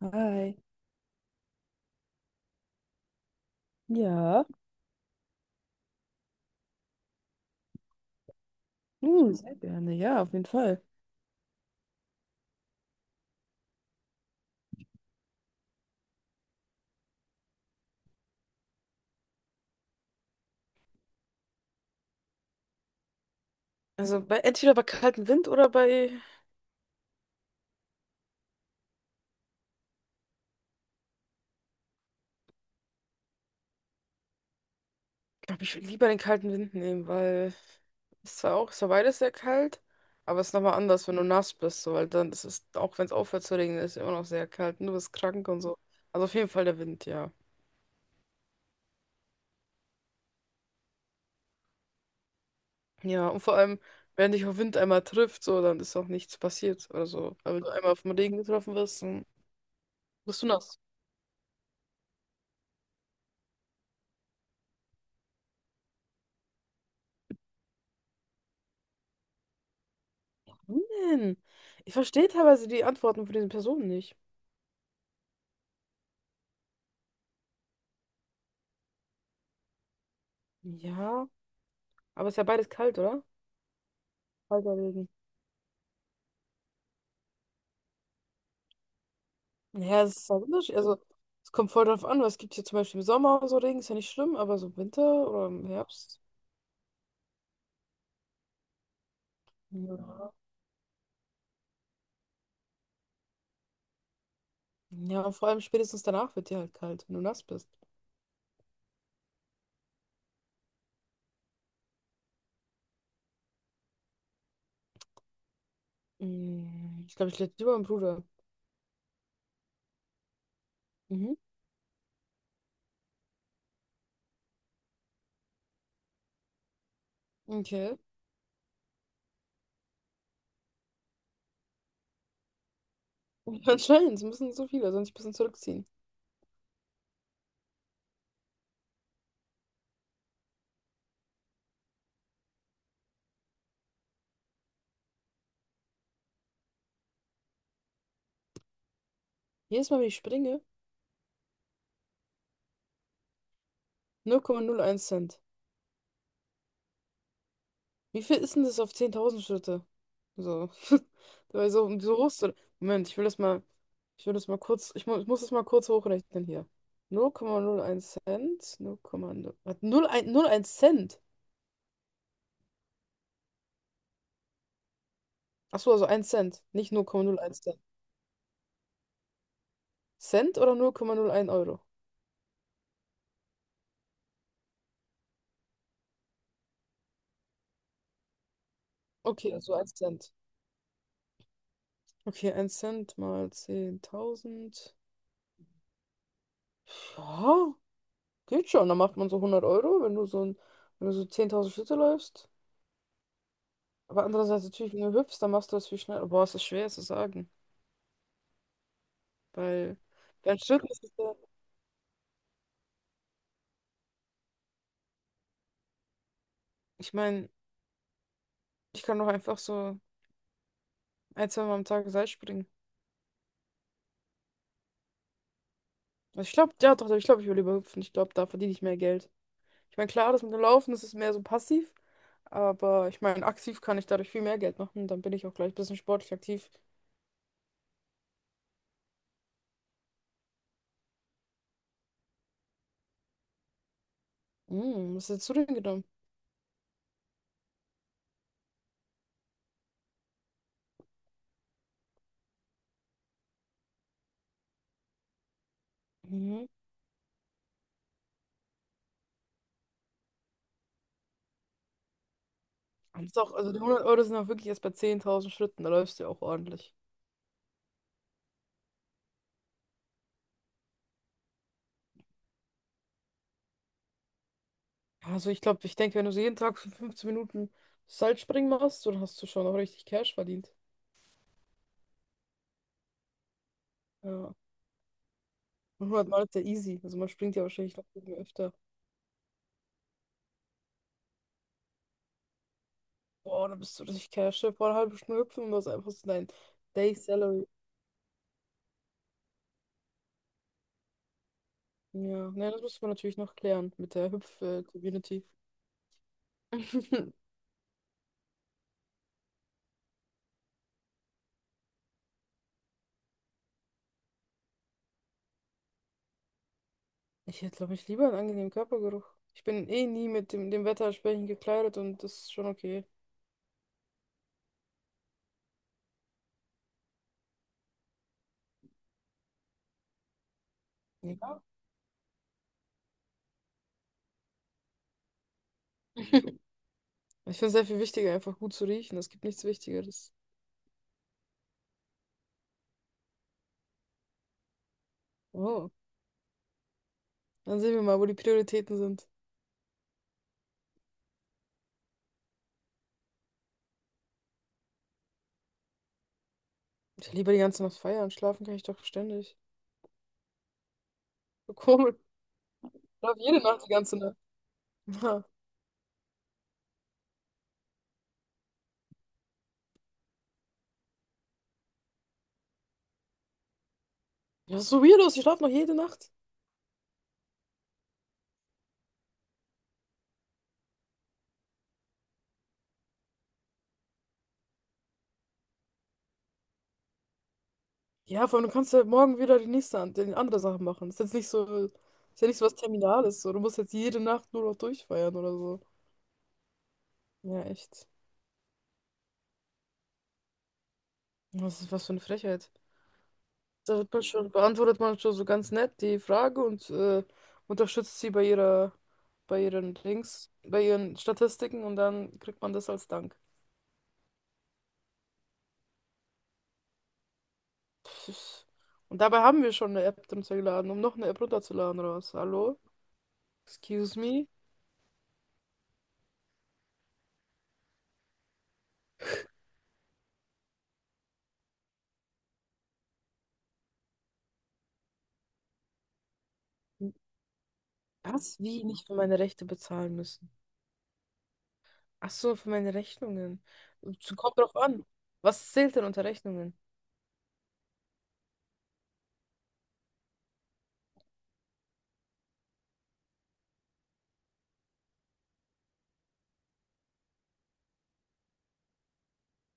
Hi. Ja, Hm. sehr gerne. Ja, auf jeden Fall. Also bei, entweder bei kaltem Wind oder bei. Ich glaube, ich würde lieber den kalten Wind nehmen, weil es zwar auch, es war beides sehr kalt, aber es ist nochmal anders, wenn du nass bist, so, weil dann ist es, auch wenn es aufhört zu regnen, ist es immer noch sehr kalt und du bist krank und so. Also auf jeden Fall der Wind, ja. Ja, und vor allem, wenn dich der Wind einmal trifft, so, dann ist auch nichts passiert oder so. Aber wenn du einmal vom Regen getroffen wirst, dann bist du nass. Warum denn? Ich verstehe teilweise die Antworten von diesen Personen nicht. Ja. Aber es ist ja beides kalt, oder? Kalter Regen. Naja, es ist halt unterschiedlich. Also, es kommt voll drauf an, was es gibt hier zum Beispiel im Sommer so Regen, ist ja nicht schlimm, aber so im Winter oder im Herbst. Ja. Ja, und vor allem spätestens danach wird dir halt kalt, wenn du nass bist. Ich glaube, ich lebe lieber meinem Bruder. Mhm. Okay. Anscheinend, es müssen so viele, sonst ein bisschen zurückziehen. Jedes Mal, wenn ich springe, 0,01 Cent. Wie viel ist denn das auf 10.000 Schritte? So. Dabei so, so hoch. Moment, ich will das mal, ich will das mal kurz, ich muss das mal kurz hochrechnen hier. 0,01 Cent, 0,0, was, 0,1 Cent. Achso, also ein Cent, nicht 0,01 Cent. Cent oder 0,01 Euro? Okay, also ein Cent. Okay, ein Cent mal 10.000. Ja, geht schon. Dann macht man so 100 Euro, wenn du so, ein, wenn du so 10.000 Schritte läufst. Aber andererseits natürlich, wenn du hüpfst, dann machst du das viel schneller. Boah, es ist schwer zu sagen. Weil beim Schwimmen ist es ja, ich meine, ich kann doch einfach so ein, zwei Mal am Tag Seil springen. Also ich glaube, ja doch, ich glaube, ich will lieber hüpfen. Ich glaube, da verdiene ich mehr Geld. Ich meine, klar, das mit dem Laufen, das ist mehr so passiv. Aber ich meine, aktiv kann ich dadurch viel mehr Geld machen. Dann bin ich auch gleich ein bisschen sportlich aktiv. Hm, was hättest du denn genommen? Mhm. Das ist auch, also die 100 Euro sind auch wirklich erst bei 10.000 Schritten. Da läufst du ja auch ordentlich. Also ich glaube, ich denke, wenn du so jeden Tag für 15 Minuten Seilspringen machst, so, dann hast du schon auch richtig Cash verdient. Ja. 100 Mal ist ja easy. Also man springt ja wahrscheinlich noch irgendwie öfter. Boah, dann bist du richtig Cash. Stell dir vor, eine halbe Stunde hüpfen und das ist einfach so dein Day Salary. Ja, ne, das müsste man natürlich noch klären mit der Hüpf-Community. Ich hätte, glaube ich, lieber einen angenehmen Körpergeruch. Ich bin eh nie mit dem, dem Wetter entsprechend gekleidet und das ist schon okay. Ja. Ich finde es sehr viel wichtiger, einfach gut zu riechen. Es gibt nichts Wichtigeres. Oh. Dann sehen wir mal, wo die Prioritäten sind. Ich lieber die ganze Nacht feiern. Schlafen kann ich doch ständig. So komisch. Ich schlafe jede Nacht die ganze Nacht. Ja, das ist so weird aus. Ich schlafe noch jede Nacht. Ja, vor allem, du kannst ja morgen wieder die nächste die andere Sache machen. Das ist jetzt nicht so, das ist ja nicht so was Terminales. So. Du musst jetzt jede Nacht nur noch durchfeiern oder so. Ja, echt. Was ist was für eine Frechheit. Da wird man schon, beantwortet man schon so ganz nett die Frage und unterstützt sie bei ihrer, bei ihren Dings, bei ihren Statistiken und dann kriegt man das als Dank. Und dabei haben wir schon eine App runtergeladen, um noch eine App runterzuladen raus. Hallo? Excuse me? Was? Wie? Nicht für meine Rechte bezahlen müssen. Ach so, für meine Rechnungen. Es kommt drauf an. Was zählt denn unter Rechnungen?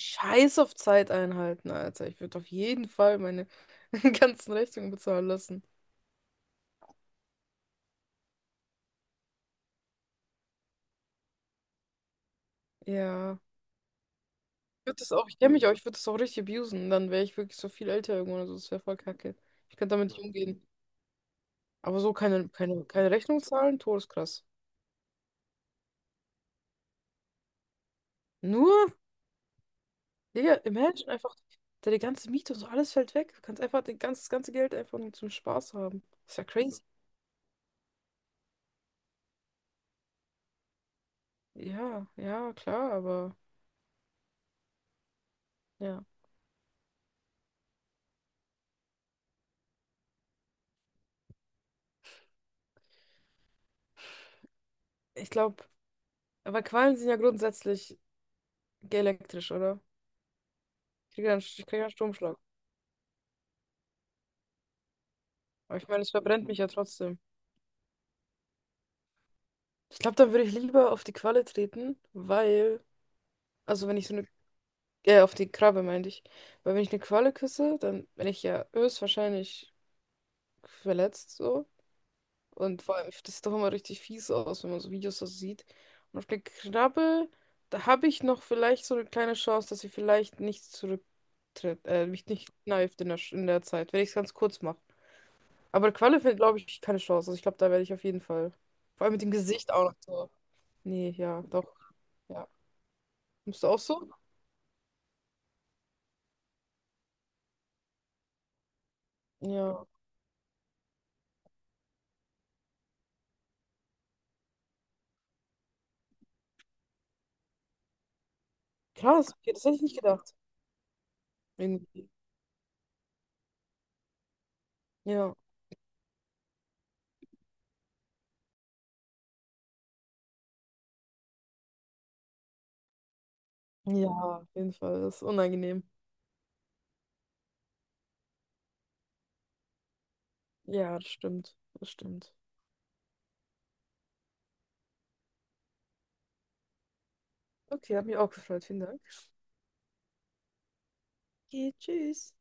Scheiß auf Zeit einhalten, Alter. Ich würde auf jeden Fall meine ganzen Rechnungen bezahlen lassen. Ja. Ich würde das auch, ich kenne mich auch, ich würde das auch richtig abusen. Dann wäre ich wirklich so viel älter irgendwann. Also das wäre voll kacke. Ich könnte damit nicht umgehen. Aber so keine, keine, keine Rechnung zahlen, todeskrass. Nur? Digga, imagine einfach, deine ganze Miete und so, alles fällt weg. Du kannst einfach das ganze Geld einfach nur zum Spaß haben. Ist ja crazy. Ja, ja, klar, aber ja. Ich glaube, aber Quallen sind ja grundsätzlich elektrisch, oder? Ich krieg ja einen Stromschlag. Aber ich meine, es verbrennt mich ja trotzdem. Ich glaube, dann würde ich lieber auf die Qualle treten, weil, also wenn ich so eine, auf die Krabbe meinte ich, weil wenn ich eine Qualle küsse, dann bin ich ja höchstwahrscheinlich verletzt, so. Und vor allem, das sieht doch immer richtig fies aus, wenn man so Videos so sieht. Und auf der Krabbe, da habe ich noch vielleicht so eine kleine Chance, dass sie vielleicht nicht zurücktritt, mich nicht kneift in der Zeit, wenn ich es ganz kurz mache. Aber Qualle fällt, glaube ich, keine Chance. Also ich glaube, da werde ich auf jeden Fall. Vor allem mit dem Gesicht auch noch so. Nee, ja, doch. Ja. Bist du auch so? Ja. Krass, okay, das hätte ich nicht gedacht. Irgendwie. Ja. Ja, auf jeden Fall. Das ist unangenehm. Ja, das stimmt. Das stimmt. Okay, hat mich auch gefreut. Vielen Dank. Okay, tschüss.